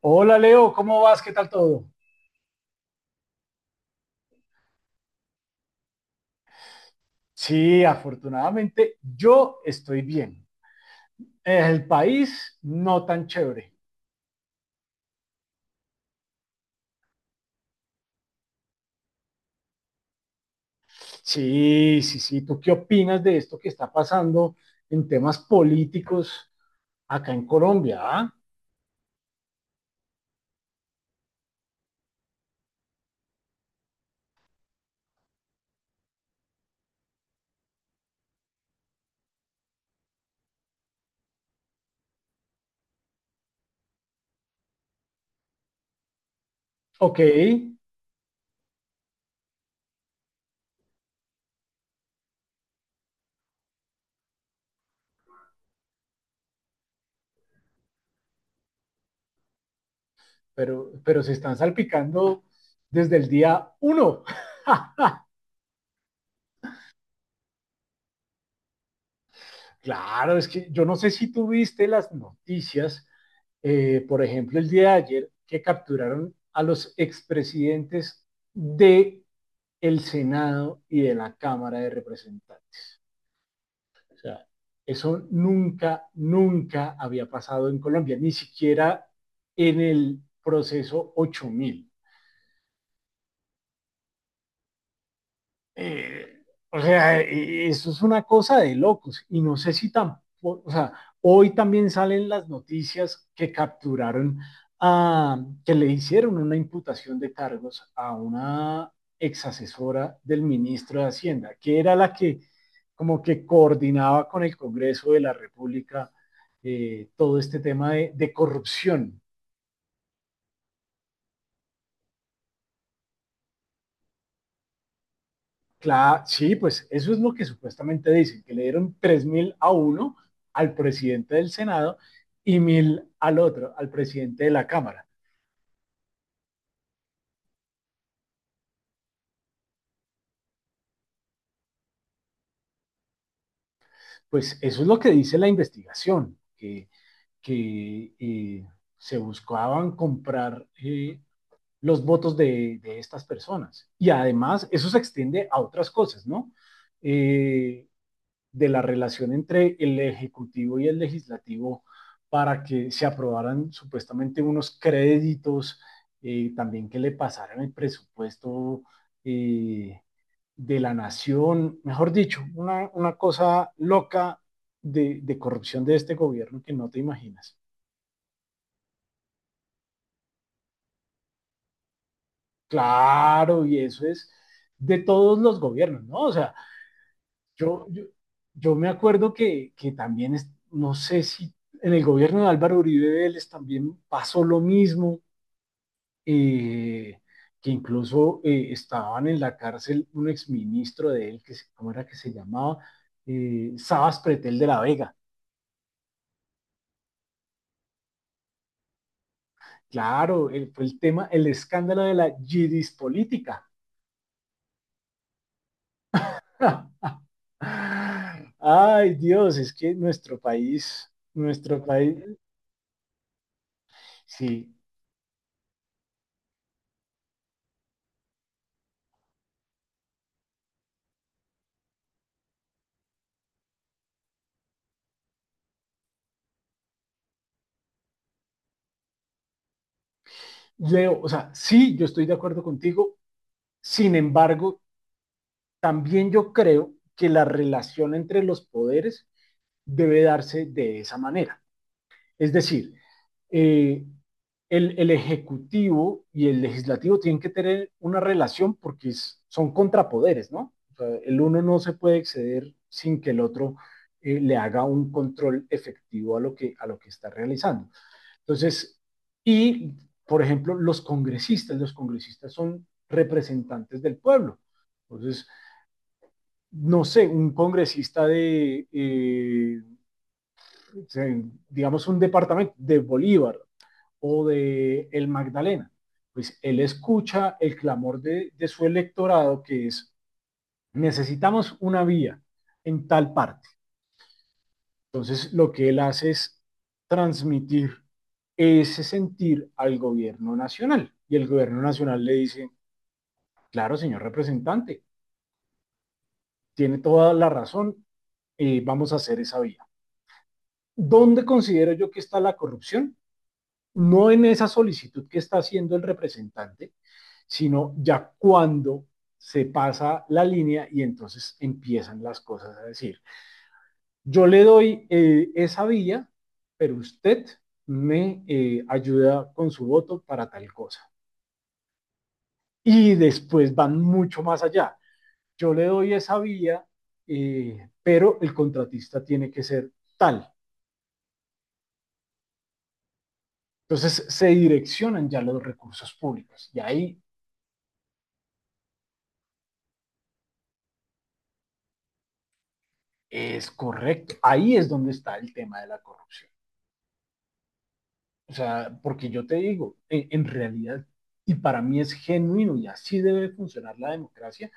Hola Leo, ¿cómo vas? ¿Qué tal todo? Sí, afortunadamente yo estoy bien. El país no tan chévere. Sí, sí, sí. ¿Tú qué opinas de esto que está pasando en temas políticos acá en Colombia? Ah? Ok, pero se están salpicando desde el día uno. Claro, es que yo no sé si tuviste las noticias, por ejemplo, el día de ayer, que capturaron a los expresidentes de el Senado y de la Cámara de Representantes. O sea, eso nunca, nunca había pasado en Colombia, ni siquiera en el proceso 8.000. Eh, o sea, eso es una cosa de locos. Y no sé si tampoco, o sea, hoy también salen las noticias que capturaron a, que le hicieron una imputación de cargos a una exasesora del ministro de Hacienda, que era la que como que coordinaba con el Congreso de la República, todo este tema de corrupción. Claro, sí, pues eso es lo que supuestamente dicen, que le dieron 3.000 a uno al presidente del Senado y 1.000 al otro, al presidente de la Cámara. Pues eso es lo que dice la investigación, que se buscaban comprar, los votos de estas personas. Y además eso se extiende a otras cosas, ¿no? Eh, de la relación entre el Ejecutivo y el Legislativo para que se aprobaran supuestamente unos créditos, también que le pasaran el presupuesto, eh, de la nación, mejor dicho, una cosa loca de corrupción de este gobierno que no te imaginas. Claro, y eso es de todos los gobiernos, ¿no? O sea, Yo, yo, yo me acuerdo que, también, no sé si en el gobierno de Álvaro Uribe Vélez también pasó lo mismo, eh, que incluso, estaban en la cárcel un exministro de él, ¿cómo era que se llamaba? Sabas Pretel de la Vega. Claro, fue el tema, el escándalo de la yidis política. Ay, Dios, es que nuestro país, sí, Leo, o sea, sí, yo estoy de acuerdo contigo. Sin embargo, también yo creo que la relación entre los poderes debe darse de esa manera. Es decir, eh, el, Ejecutivo y el Legislativo tienen que tener una relación porque son contrapoderes, ¿no? O sea, el uno no se puede exceder sin que el otro, le haga un control efectivo a lo que, está realizando. Entonces, y por ejemplo, los congresistas son representantes del pueblo. Entonces, no sé, un congresista de, digamos, un departamento de Bolívar o de El Magdalena, pues él escucha el clamor de su electorado, que es, necesitamos una vía en tal parte. Entonces, lo que él hace es transmitir ese sentir al gobierno nacional. Y el gobierno nacional le dice, claro, señor representante, tiene toda la razón, vamos a hacer esa vía. ¿Dónde considero yo que está la corrupción? No en esa solicitud que está haciendo el representante, sino ya cuando se pasa la línea y entonces empiezan las cosas a decir, yo le doy, esa vía, pero usted me, ayuda con su voto para tal cosa. Y después van mucho más allá. Yo le doy esa vía, pero el contratista tiene que ser tal. Entonces se direccionan ya los recursos públicos, y ahí es correcto. Ahí es donde está el tema de la corrupción. O sea, porque yo te digo, en realidad, y para mí es genuino y así debe funcionar la democracia,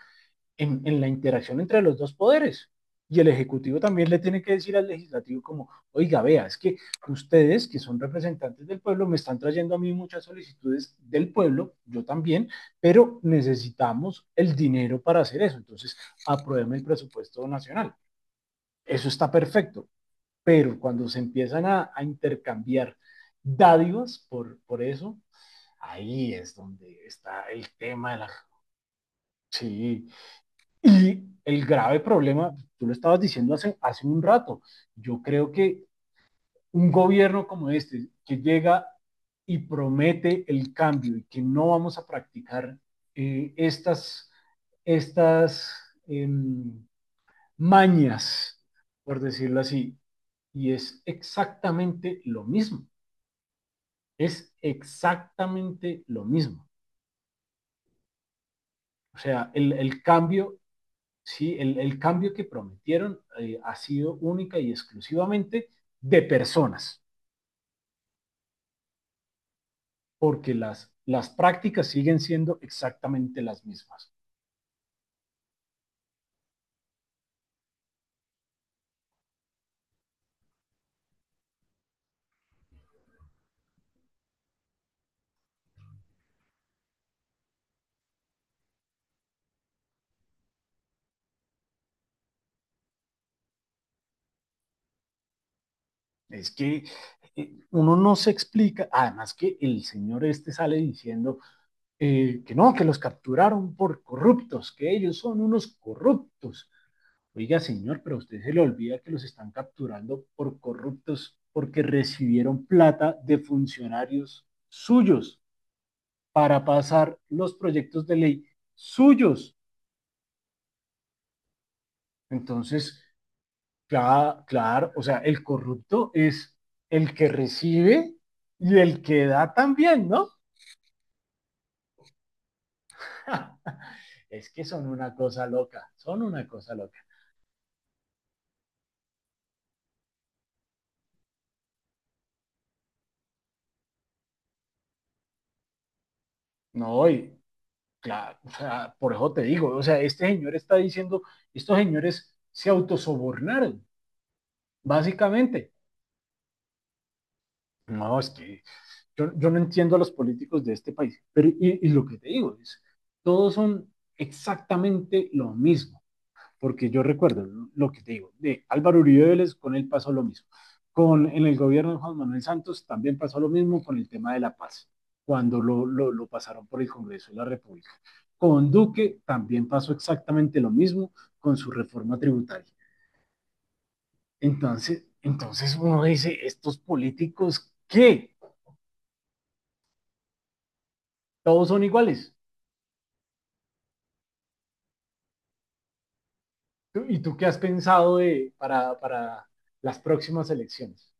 en, la interacción entre los dos poderes. Y el Ejecutivo también le tiene que decir al Legislativo como, oiga, vea, es que ustedes que son representantes del pueblo me están trayendo a mí muchas solicitudes del pueblo, yo también, pero necesitamos el dinero para hacer eso. Entonces, aprueben el presupuesto nacional. Eso está perfecto, pero cuando se empiezan a intercambiar dádivas por eso, ahí es donde está el tema de la... Sí, y el grave problema, tú lo estabas diciendo hace un rato, yo creo que un gobierno como este, que llega y promete el cambio y que no vamos a practicar, estas, estas eh, mañas, por decirlo así, y es exactamente lo mismo, es exactamente lo mismo. O sea, el cambio. Sí, el cambio que prometieron, ha sido única y exclusivamente de personas, porque las prácticas siguen siendo exactamente las mismas. Es que, uno no se explica, además que el señor este sale diciendo, que no, que los capturaron por corruptos, que ellos son unos corruptos. Oiga, señor, pero a usted se le olvida que los están capturando por corruptos porque recibieron plata de funcionarios suyos, para pasar los proyectos de ley suyos. Entonces, claro, claro, o sea, el corrupto es el que recibe y el que da también, ¿no? Es que son una cosa loca, son una cosa loca. No, y claro, o sea, por eso te digo, o sea, este señor está diciendo, estos señores se autosobornaron, básicamente. No, es que yo no entiendo a los políticos de este país. Pero, y lo que te digo es, todos son exactamente lo mismo, porque yo recuerdo lo que te digo, de Álvaro Uribe Vélez, con él pasó lo mismo. En el gobierno de Juan Manuel Santos también pasó lo mismo con el tema de la paz, cuando lo pasaron por el Congreso de la República. Con Duque también pasó exactamente lo mismo con su reforma tributaria. Entonces, uno dice, estos políticos, ¿qué? Todos son iguales. ¿Y tú qué has pensado de, para las próximas elecciones?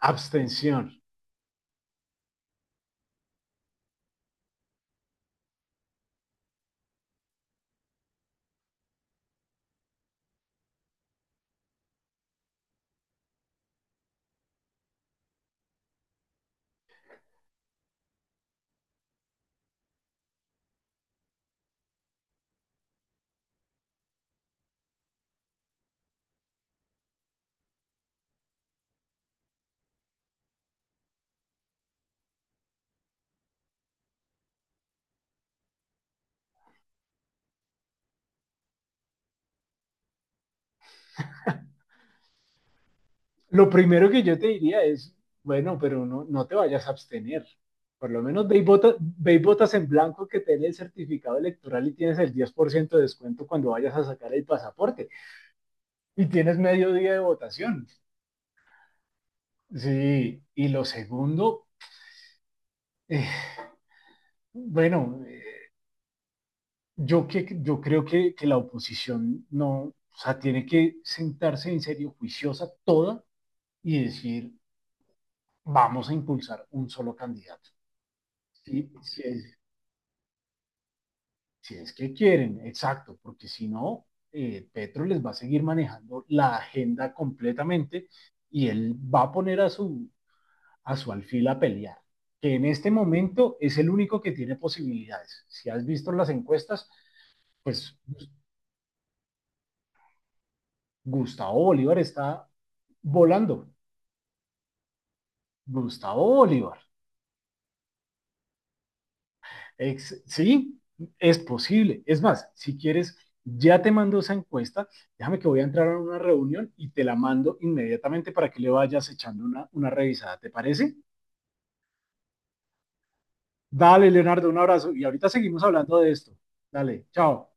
Abstención. Lo primero que yo te diría es, bueno, pero no, no te vayas a abstener. Por lo menos ve y, votas en blanco, que tenés el certificado electoral y tienes el 10% de descuento cuando vayas a sacar el pasaporte. Y tienes medio día de votación. Sí, y lo segundo, eh, bueno, yo creo que la oposición no, o sea, tiene que sentarse en serio, juiciosa toda, y decir, vamos a impulsar un solo candidato. Si, si, es, si es que quieren, exacto, porque si no, Petro les va a seguir manejando la agenda completamente, y él va a poner a su, alfil a pelear, que en este momento es el único que tiene posibilidades. Si has visto las encuestas, pues Gustavo Bolívar está volando. Gustavo Bolívar. Ex Sí, es posible. Es más, si quieres, ya te mando esa encuesta. Déjame que voy a entrar a una reunión y te la mando inmediatamente para que le vayas echando una revisada. ¿Te parece? Dale, Leonardo, un abrazo. Y ahorita seguimos hablando de esto. Dale, chao.